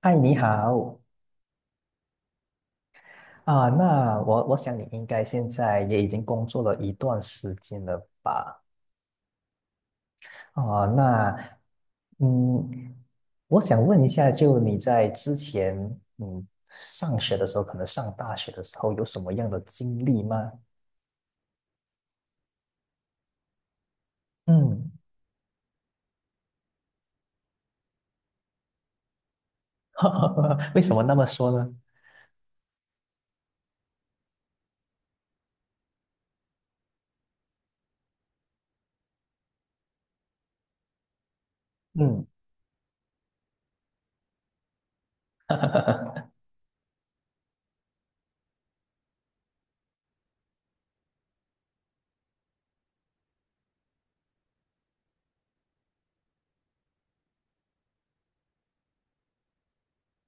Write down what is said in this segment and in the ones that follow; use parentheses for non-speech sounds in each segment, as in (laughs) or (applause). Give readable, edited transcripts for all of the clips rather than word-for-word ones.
嗨，你好。啊，那我想你应该现在也已经工作了一段时间了吧？啊，那嗯，我想问一下，就你在之前上学的时候，可能上大学的时候有什么样的经历吗？嗯。(laughs) 为什么那么说呢？嗯。(laughs)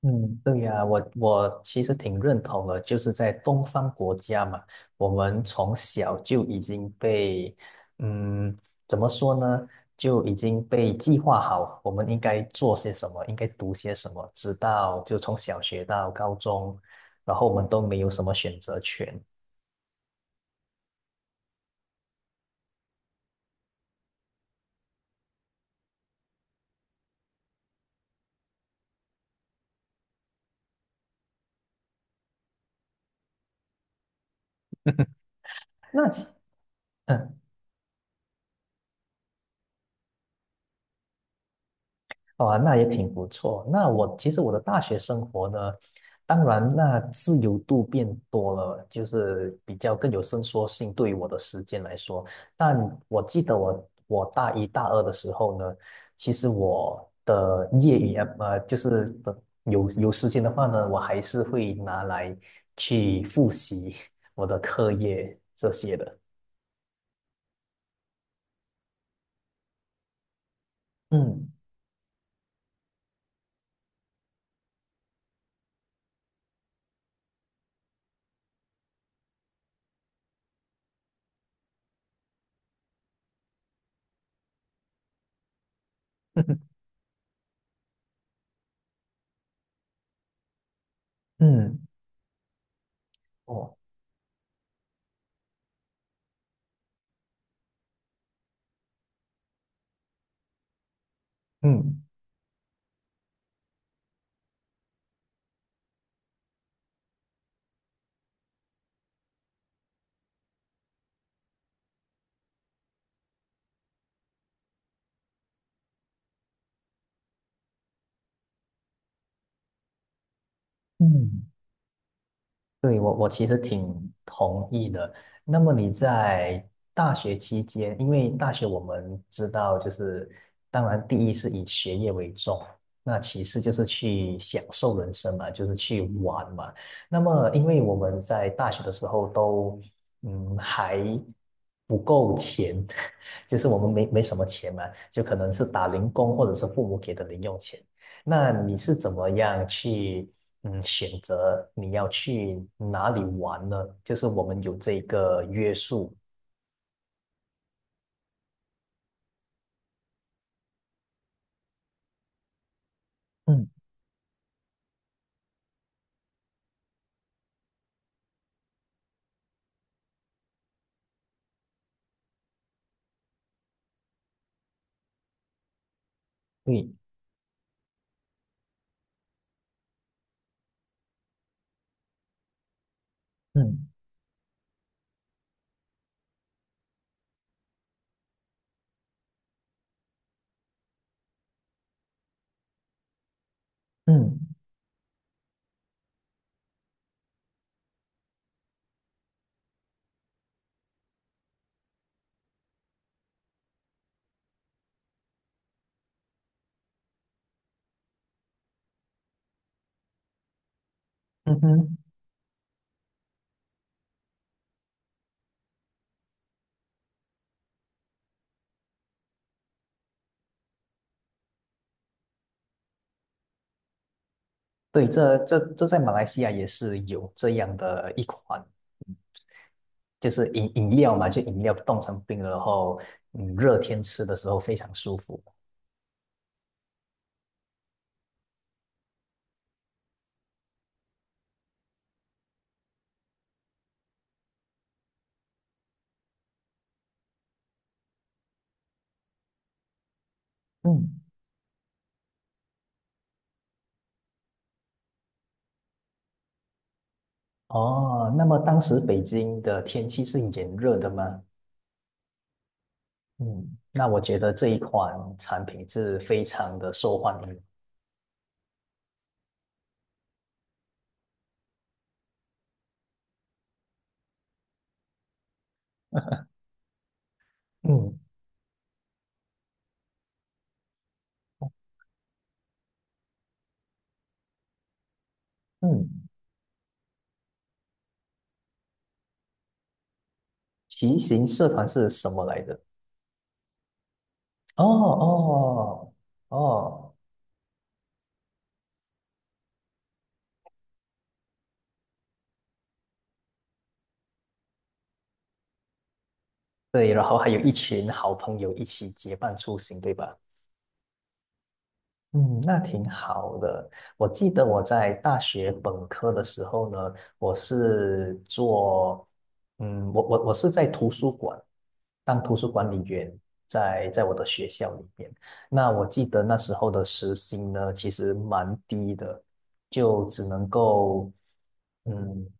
嗯，对呀，我其实挺认同的，就是在东方国家嘛，我们从小就已经被，嗯，怎么说呢，就已经被计划好，我们应该做些什么，应该读些什么，直到就从小学到高中，然后我们都没有什么选择权。(laughs) 那其嗯，哦，那也挺不错。那我其实我的大学生活呢，当然那自由度变多了，就是比较更有伸缩性对于我的时间来说。但我记得我大一大二的时候呢，其实我的业余就是有时间的话呢，我还是会拿来去复习我的课业这些的。嗯。 (laughs) 嗯，哦，嗯。嗯，对，我其实挺同意的。那么你在大学期间，因为大学我们知道，就是当然第一是以学业为重，那其次就是去享受人生嘛，就是去玩嘛。那么因为我们在大学的时候都还不够钱，(laughs) 就是我们没什么钱嘛，就可能是打零工或者是父母给的零用钱。那你是怎么样去选择你要去哪里玩呢？就是我们有这个约束。嗯，对，嗯嗯。嗯哼，对，这在马来西亚也是有这样的一款，就是饮料嘛，就饮料冻成冰了，然后嗯热天吃的时候非常舒服。嗯，哦，那么当时北京的天气是炎热的吗？嗯，那我觉得这一款产品是非常的受欢迎。嗯。嗯，骑行社团是什么来着？哦哦。哦，对，然后还有一群好朋友一起结伴出行，对吧？嗯，那挺好的。我记得我在大学本科的时候呢，我是做，嗯，我是在图书馆当图书管理员，在我的学校里面。那我记得那时候的时薪呢，其实蛮低的，就只能够。嗯，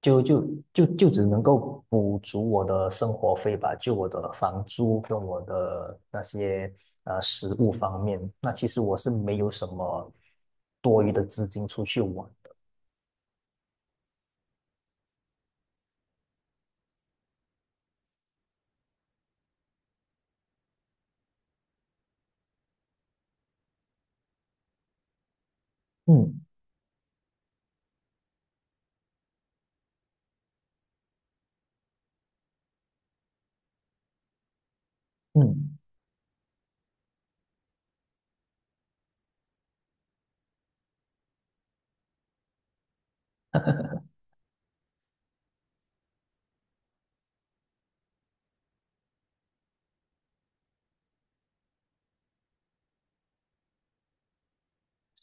就就就只能够补足我的生活费吧，就我的房租跟我的那些食物方面，那其实我是没有什么多余的资金出去玩的。嗯。嗯，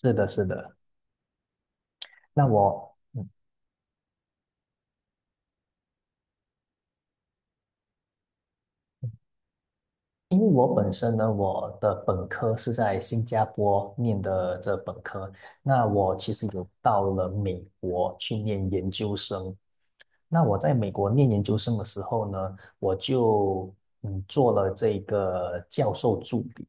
是的，是的。那我，嗯因为我本身呢，我的本科是在新加坡念的这本科，那我其实有到了美国去念研究生，那我在美国念研究生的时候呢，我就做了这个教授助理。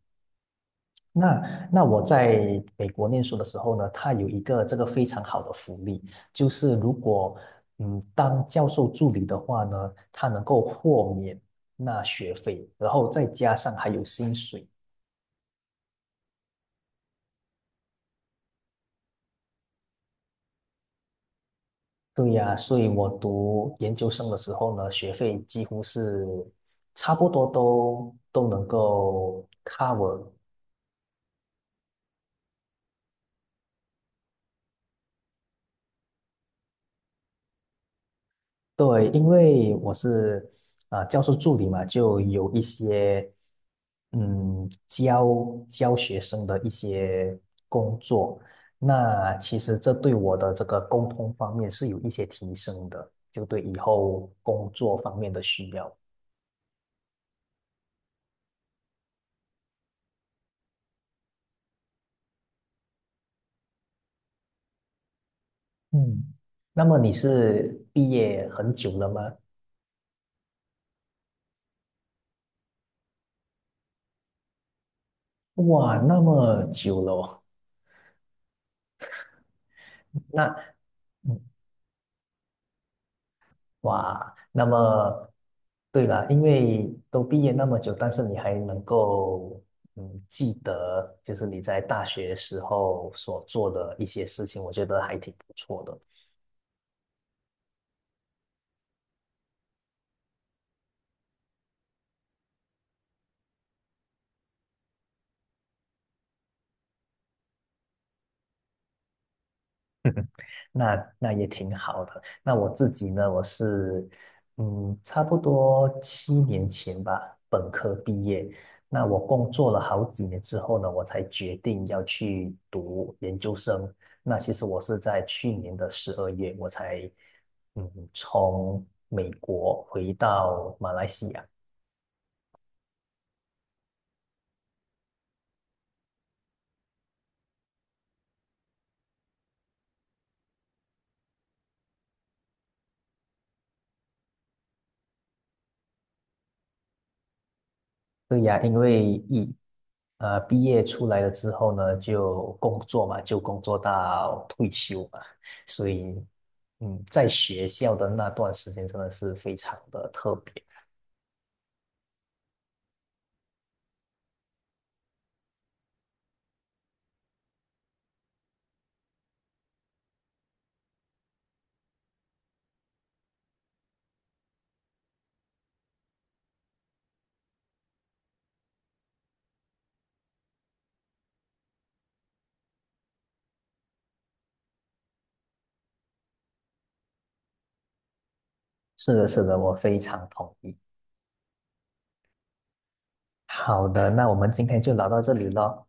那我在美国念书的时候呢，它有一个这个非常好的福利，就是如果当教授助理的话呢，他能够豁免那学费，然后再加上还有薪水。对呀，所以我读研究生的时候呢，学费几乎是差不多都能够 cover。 对，因为我是啊，教授助理嘛，就有一些嗯教教学生的一些工作，那其实这对我的这个沟通方面是有一些提升的，就对以后工作方面的需要。嗯，那么你是毕业很久了吗？哇，那么久了哦。(laughs) 那哇，那么对了，因为都毕业那么久，但是你还能够记得，就是你在大学时候所做的一些事情，我觉得还挺不错的。(laughs) 那那也挺好的。那我自己呢，我是嗯，差不多7年前吧，本科毕业。那我工作了好几年之后呢，我才决定要去读研究生。那其实我是在去年的12月，我才从美国回到马来西亚。对呀，因为一毕业出来了之后呢，就工作嘛，就工作到退休嘛，所以嗯，在学校的那段时间真的是非常的特别。是的，是的，我非常同意。好的，那我们今天就聊到这里咯。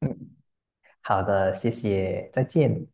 嗯，好的，谢谢，再见。